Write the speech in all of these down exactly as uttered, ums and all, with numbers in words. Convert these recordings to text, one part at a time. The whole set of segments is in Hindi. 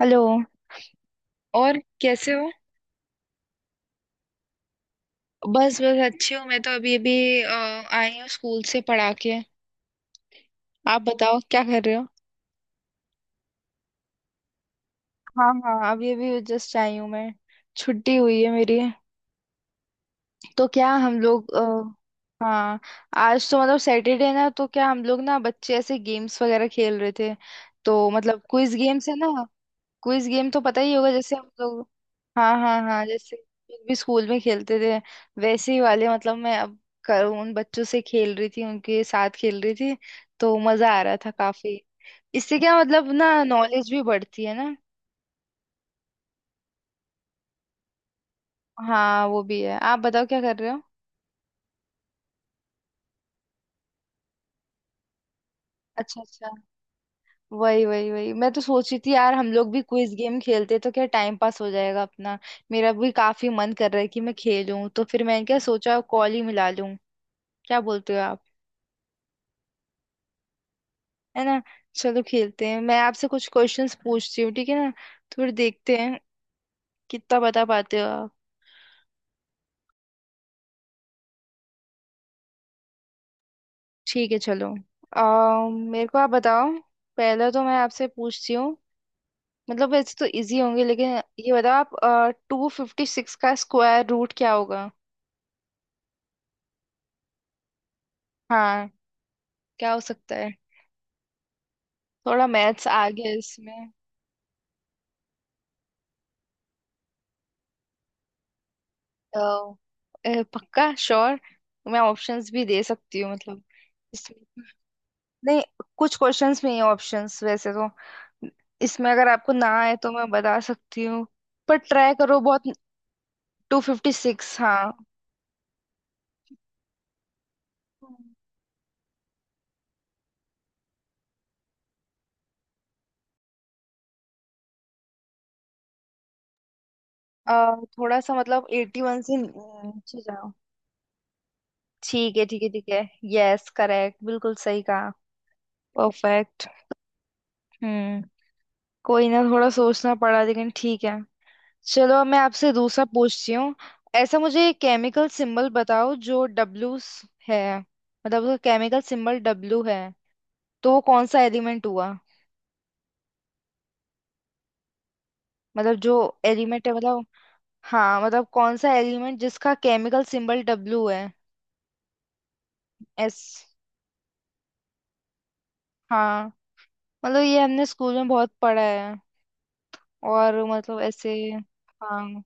हेलो। और कैसे हो? बस बस अच्छी हूँ, मैं तो अभी अभी अ, आई हूँ स्कूल से पढ़ा के। आप बताओ, क्या कर रहे हो? हाँ हाँ, अभी अभी जस्ट आई हूँ मैं। छुट्टी हुई है मेरी। तो क्या हम लोग अ, हाँ, आज तो मतलब सैटरडे ना, तो क्या हम लोग ना बच्चे ऐसे गेम्स वगैरह खेल रहे थे। तो मतलब क्विज गेम्स है ना। क्विज गेम तो पता ही होगा, जैसे हम लोग। हाँ हाँ हाँ, जैसे हम लोग भी स्कूल में खेलते थे। वैसे ही वाले, मतलब मैं अब कर, उन बच्चों से खेल रही थी, उनके साथ खेल रही थी। तो मजा आ रहा था काफी। इससे क्या मतलब ना, नॉलेज भी बढ़ती है ना। हाँ वो भी है। आप बताओ, क्या कर रहे हो? अच्छा अच्छा। वही वही वही, मैं तो सोच रही थी यार हम लोग भी क्विज गेम खेलते तो क्या टाइम पास हो जाएगा अपना। मेरा भी काफी मन कर रहा है कि मैं खेलूं, तो फिर मैंने क्या सोचा कॉल ही मिला लूं। क्या बोलते हो आप? है ना। चलो खेलते हैं। मैं आपसे कुछ क्वेश्चंस पूछती हूँ, ठीक है ना, तो फिर देखते हैं कितना बता पाते हो आप। ठीक है चलो। आ, मेरे को आप बताओ। पहला तो मैं आपसे पूछती हूँ, मतलब वैसे तो इजी होंगे, लेकिन ये बताओ आप, टू फिफ्टी सिक्स का स्क्वायर रूट क्या होगा? हाँ। क्या हो सकता है? थोड़ा मैथ्स आ गया इसमें। तो अ, पक्का श्योर? मैं ऑप्शंस भी दे सकती हूँ मतलब। नहीं, कुछ क्वेश्चंस में ही ऑप्शंस वैसे तो। इसमें अगर आपको ना आए तो मैं बता सकती हूँ, पर ट्राई करो बहुत। टू फिफ्टी सिक्स हाँ। अ, थोड़ा सा मतलब एटी वन से नीचे जाओ। ठीक है ठीक है ठीक है। यस करेक्ट, बिल्कुल सही कहा। परफेक्ट। हम्म। कोई ना, थोड़ा सोचना पड़ा लेकिन ठीक है। चलो मैं आपसे दूसरा पूछती हूँ। ऐसा मुझे केमिकल सिंबल बताओ जो डब्लू है, मतलब उसका केमिकल सिंबल डब्लू है, तो वो कौन सा एलिमेंट हुआ? मतलब जो एलिमेंट है मतलब। हाँ मतलब कौन सा एलिमेंट जिसका केमिकल सिंबल डब्लू है। एस। हाँ मतलब ये हमने स्कूल में बहुत पढ़ा है, और मतलब ऐसे। हाँ,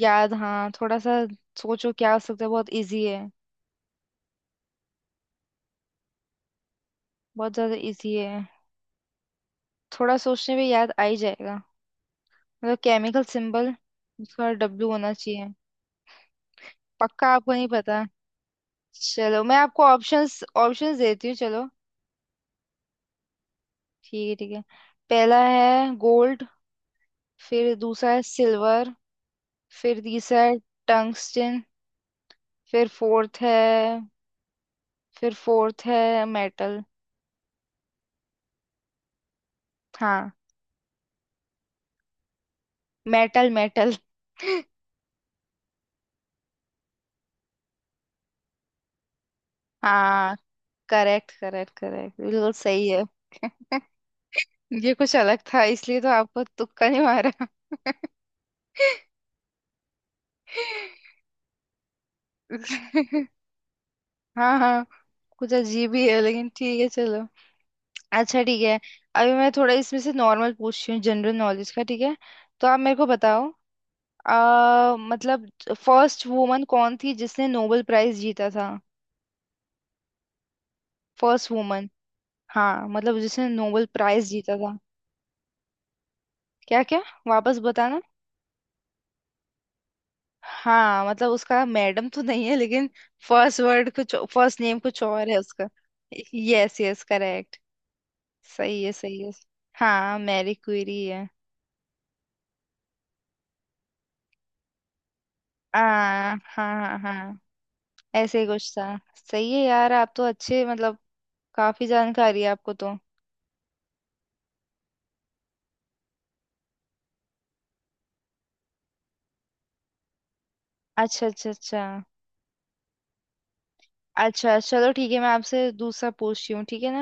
याद हाँ थोड़ा सा। सोचो क्या हो सकता है, बहुत इजी है, बहुत ज्यादा इजी है। थोड़ा सोचने पे याद आ ही जाएगा। मतलब केमिकल सिंबल उसका डब्लू होना चाहिए। पक्का आपको नहीं पता? चलो मैं आपको ऑप्शंस ऑप्शंस देती हूँ चलो। ठीक है ठीक है। पहला है गोल्ड। फिर दूसरा है सिल्वर। फिर तीसरा है टंगस्टन। फिर फोर्थ है फिर फोर्थ है मेटल। हाँ। Metal metal. हाँ करेक्ट करेक्ट करेक्ट, बिल्कुल सही है। ये कुछ अलग था इसलिए तो आपको तुक्का नहीं मारा। हाँ हाँ, कुछ अजीब ही है लेकिन ठीक है चलो। अच्छा ठीक है। अभी मैं थोड़ा इसमें से नॉर्मल पूछती हूँ, जनरल नॉलेज का, ठीक है। तो आप मेरे को बताओ। आ, मतलब फर्स्ट वुमन कौन थी जिसने नोबेल प्राइज जीता था? First woman. हाँ मतलब जिसने नोबेल प्राइज जीता था। क्या क्या, वापस बताना। हाँ मतलब उसका मैडम तो नहीं है, लेकिन फर्स्ट वर्ड कुछ, फर्स्ट नेम कुछ और है उसका। Yes yes correct. सही है सही है। हाँ मैरी क्यूरी है। आ, हाँ हाँ हाँ, ऐसे ही कुछ था। सही है यार, आप तो अच्छे, मतलब काफी जानकारी है आपको तो। अच्छा अच्छा अच्छा। अच्छा चलो ठीक है, मैं आपसे दूसरा पूछती हूँ ठीक है ना।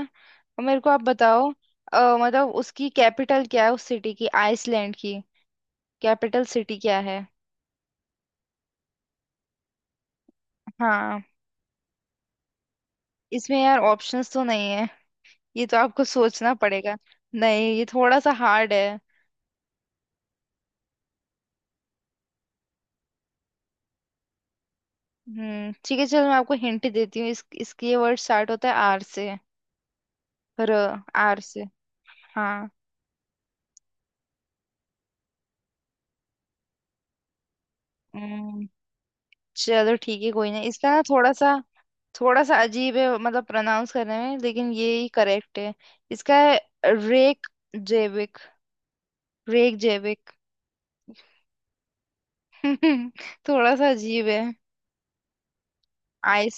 और मेरे को आप बताओ, अ, मतलब उसकी कैपिटल क्या है, उस सिटी की, आइसलैंड की कैपिटल सिटी क्या है? हाँ, इसमें यार ऑप्शंस तो नहीं है, ये तो आपको सोचना पड़ेगा। नहीं ये थोड़ा सा हार्ड है। हम्म ठीक है चलो मैं आपको हिंट देती हूँ, इस इसकी ये वर्ड स्टार्ट होता है आर से। र। आर से। हाँ। हम्म। चलो ठीक है कोई नहीं, इसका ना थोड़ा सा, थोड़ा सा अजीब है मतलब प्रोनाउंस करने में, लेकिन ये ही करेक्ट है। इसका है रेक जेविक। रेक जेविक। थोड़ा सा अजीब है। आइस,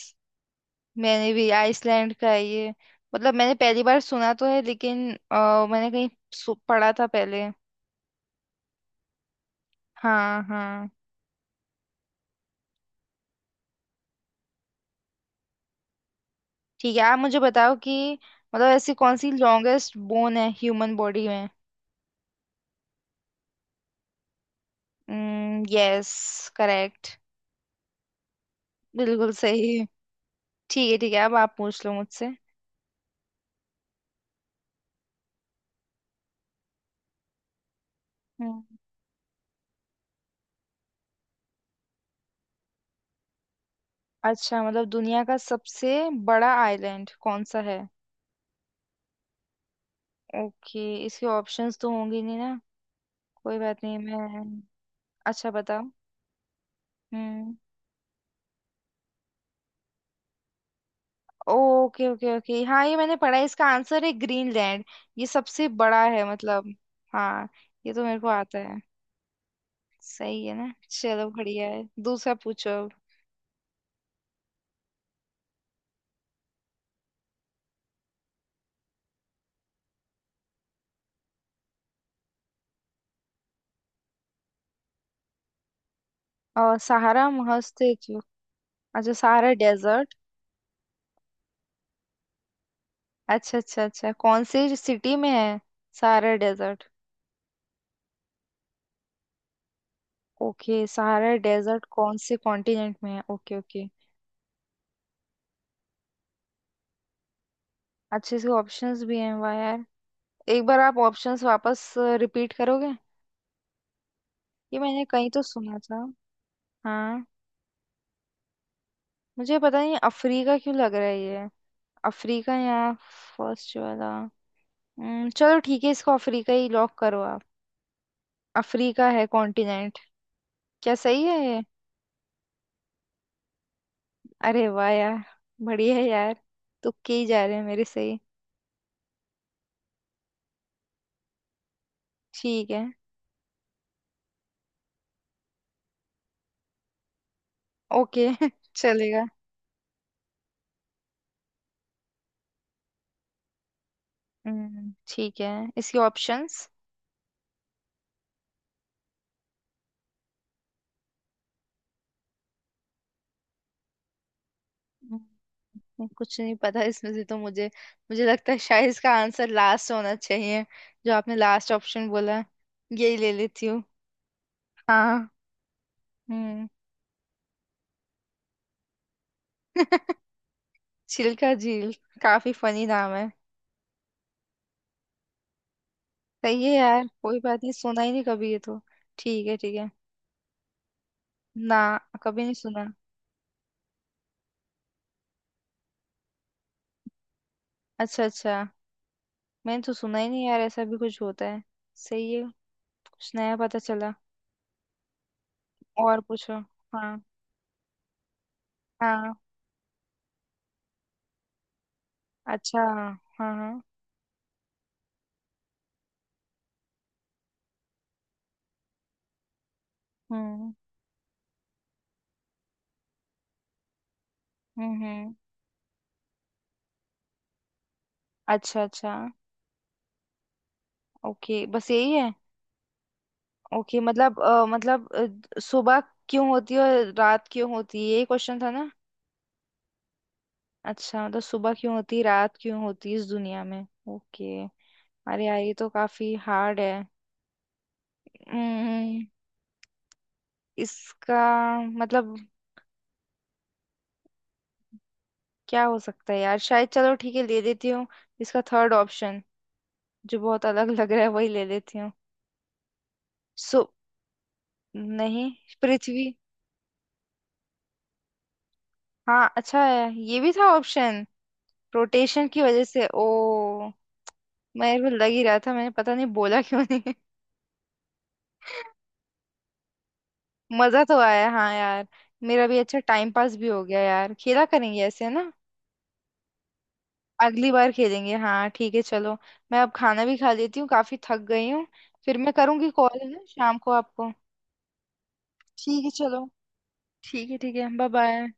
मैंने भी आइसलैंड का है ये, मतलब मैंने पहली बार सुना तो है लेकिन अ, मैंने कहीं सु- पढ़ा था पहले। हाँ हाँ। ठीक है आप मुझे बताओ कि मतलब ऐसी कौन सी लॉन्गेस्ट बोन है ह्यूमन बॉडी में? यस करेक्ट, बिल्कुल सही। ठीक है ठीक है, अब आप पूछ लो मुझसे। हम्म। अच्छा मतलब दुनिया का सबसे बड़ा आइलैंड कौन सा है। ओके, इसके ऑप्शंस तो होंगे नहीं ना, कोई बात नहीं मैं। अच्छा बताओ। हम्म। ओके ओके ओके, हाँ ये मैंने पढ़ा है, इसका आंसर है ग्रीनलैंड। ये सबसे बड़ा है मतलब। हाँ। ये तो मेरे को आता है। सही है ना, चलो बढ़िया है। दूसरा पूछो अब। और सहारा महासागरीय। अच्छा सहारा डेजर्ट। अच्छा अच्छा अच्छा, कौन से सिटी में है Sahara desert? Okay Sahara desert कौन से कॉन्टिनेंट में है, ओके ओके। अच्छे से ऑप्शंस भी हैं, वाह यार। एक बार आप ऑप्शंस वापस रिपीट करोगे? ये मैंने कहीं तो सुना था। हाँ। मुझे पता नहीं अफ्रीका क्यों लग रहा है ये। अफ्रीका या फर्स्ट वाला। हम्म, चलो ठीक है इसको अफ्रीका ही लॉक करो आप। अफ्रीका है कॉन्टिनेंट। क्या सही है ये? अरे वाह यार, बढ़िया है यार। तुक्के ही जा रहे हैं मेरे सही। ठीक है। ओके चलेगा। हम्म। ठीक है इसके ऑप्शंस। हम्म, कुछ नहीं पता इसमें से तो मुझे। मुझे लगता है शायद इसका आंसर लास्ट होना चाहिए। जो आपने लास्ट ऑप्शन बोला है, यही ले लेती हूँ। हाँ। हम्म। चिल्का झील, काफी फनी नाम है। सही है यार कोई बात नहीं, सुना ही नहीं कभी ये तो। ठीक है ठीक है ना। कभी नहीं सुना। अच्छा अच्छा। मैंने तो सुना ही नहीं यार ऐसा भी कुछ होता है। सही है, कुछ नया पता चला। और पूछो। हाँ। हाँ। अच्छा। हाँ हाँ। हम्म हम्म। हम्म। अच्छा अच्छा। ओके बस यही है। ओके मतलब अ, मतलब अ, सुबह क्यों होती है और रात क्यों होती है, यही क्वेश्चन था ना? अच्छा मतलब सुबह क्यों होती है रात क्यों होती है इस दुनिया में, ओके। अरे यार ये तो काफी हार्ड है। हम्म, इसका मतलब क्या हो सकता है यार, शायद चलो ठीक है ले लेती हूँ इसका थर्ड ऑप्शन, जो बहुत अलग लग रहा है वही ले लेती हूँ। सो। नहीं। पृथ्वी। हाँ अच्छा है, ये भी था ऑप्शन। रोटेशन की वजह से, ओ। मैं यार वो लग ही रहा था, मैंने पता नहीं बोला क्यों नहीं। मजा तो आया हाँ यार। मेरा भी अच्छा टाइम पास भी हो गया, यार खेला करेंगे ऐसे ना। अगली बार खेलेंगे हाँ, ठीक है चलो। मैं अब खाना भी खा लेती हूँ, काफी थक गई हूँ। फिर मैं करूँगी कॉल है ना शाम को आपको। ठीक है चलो। ठीक है ठीक है, बाय बाय।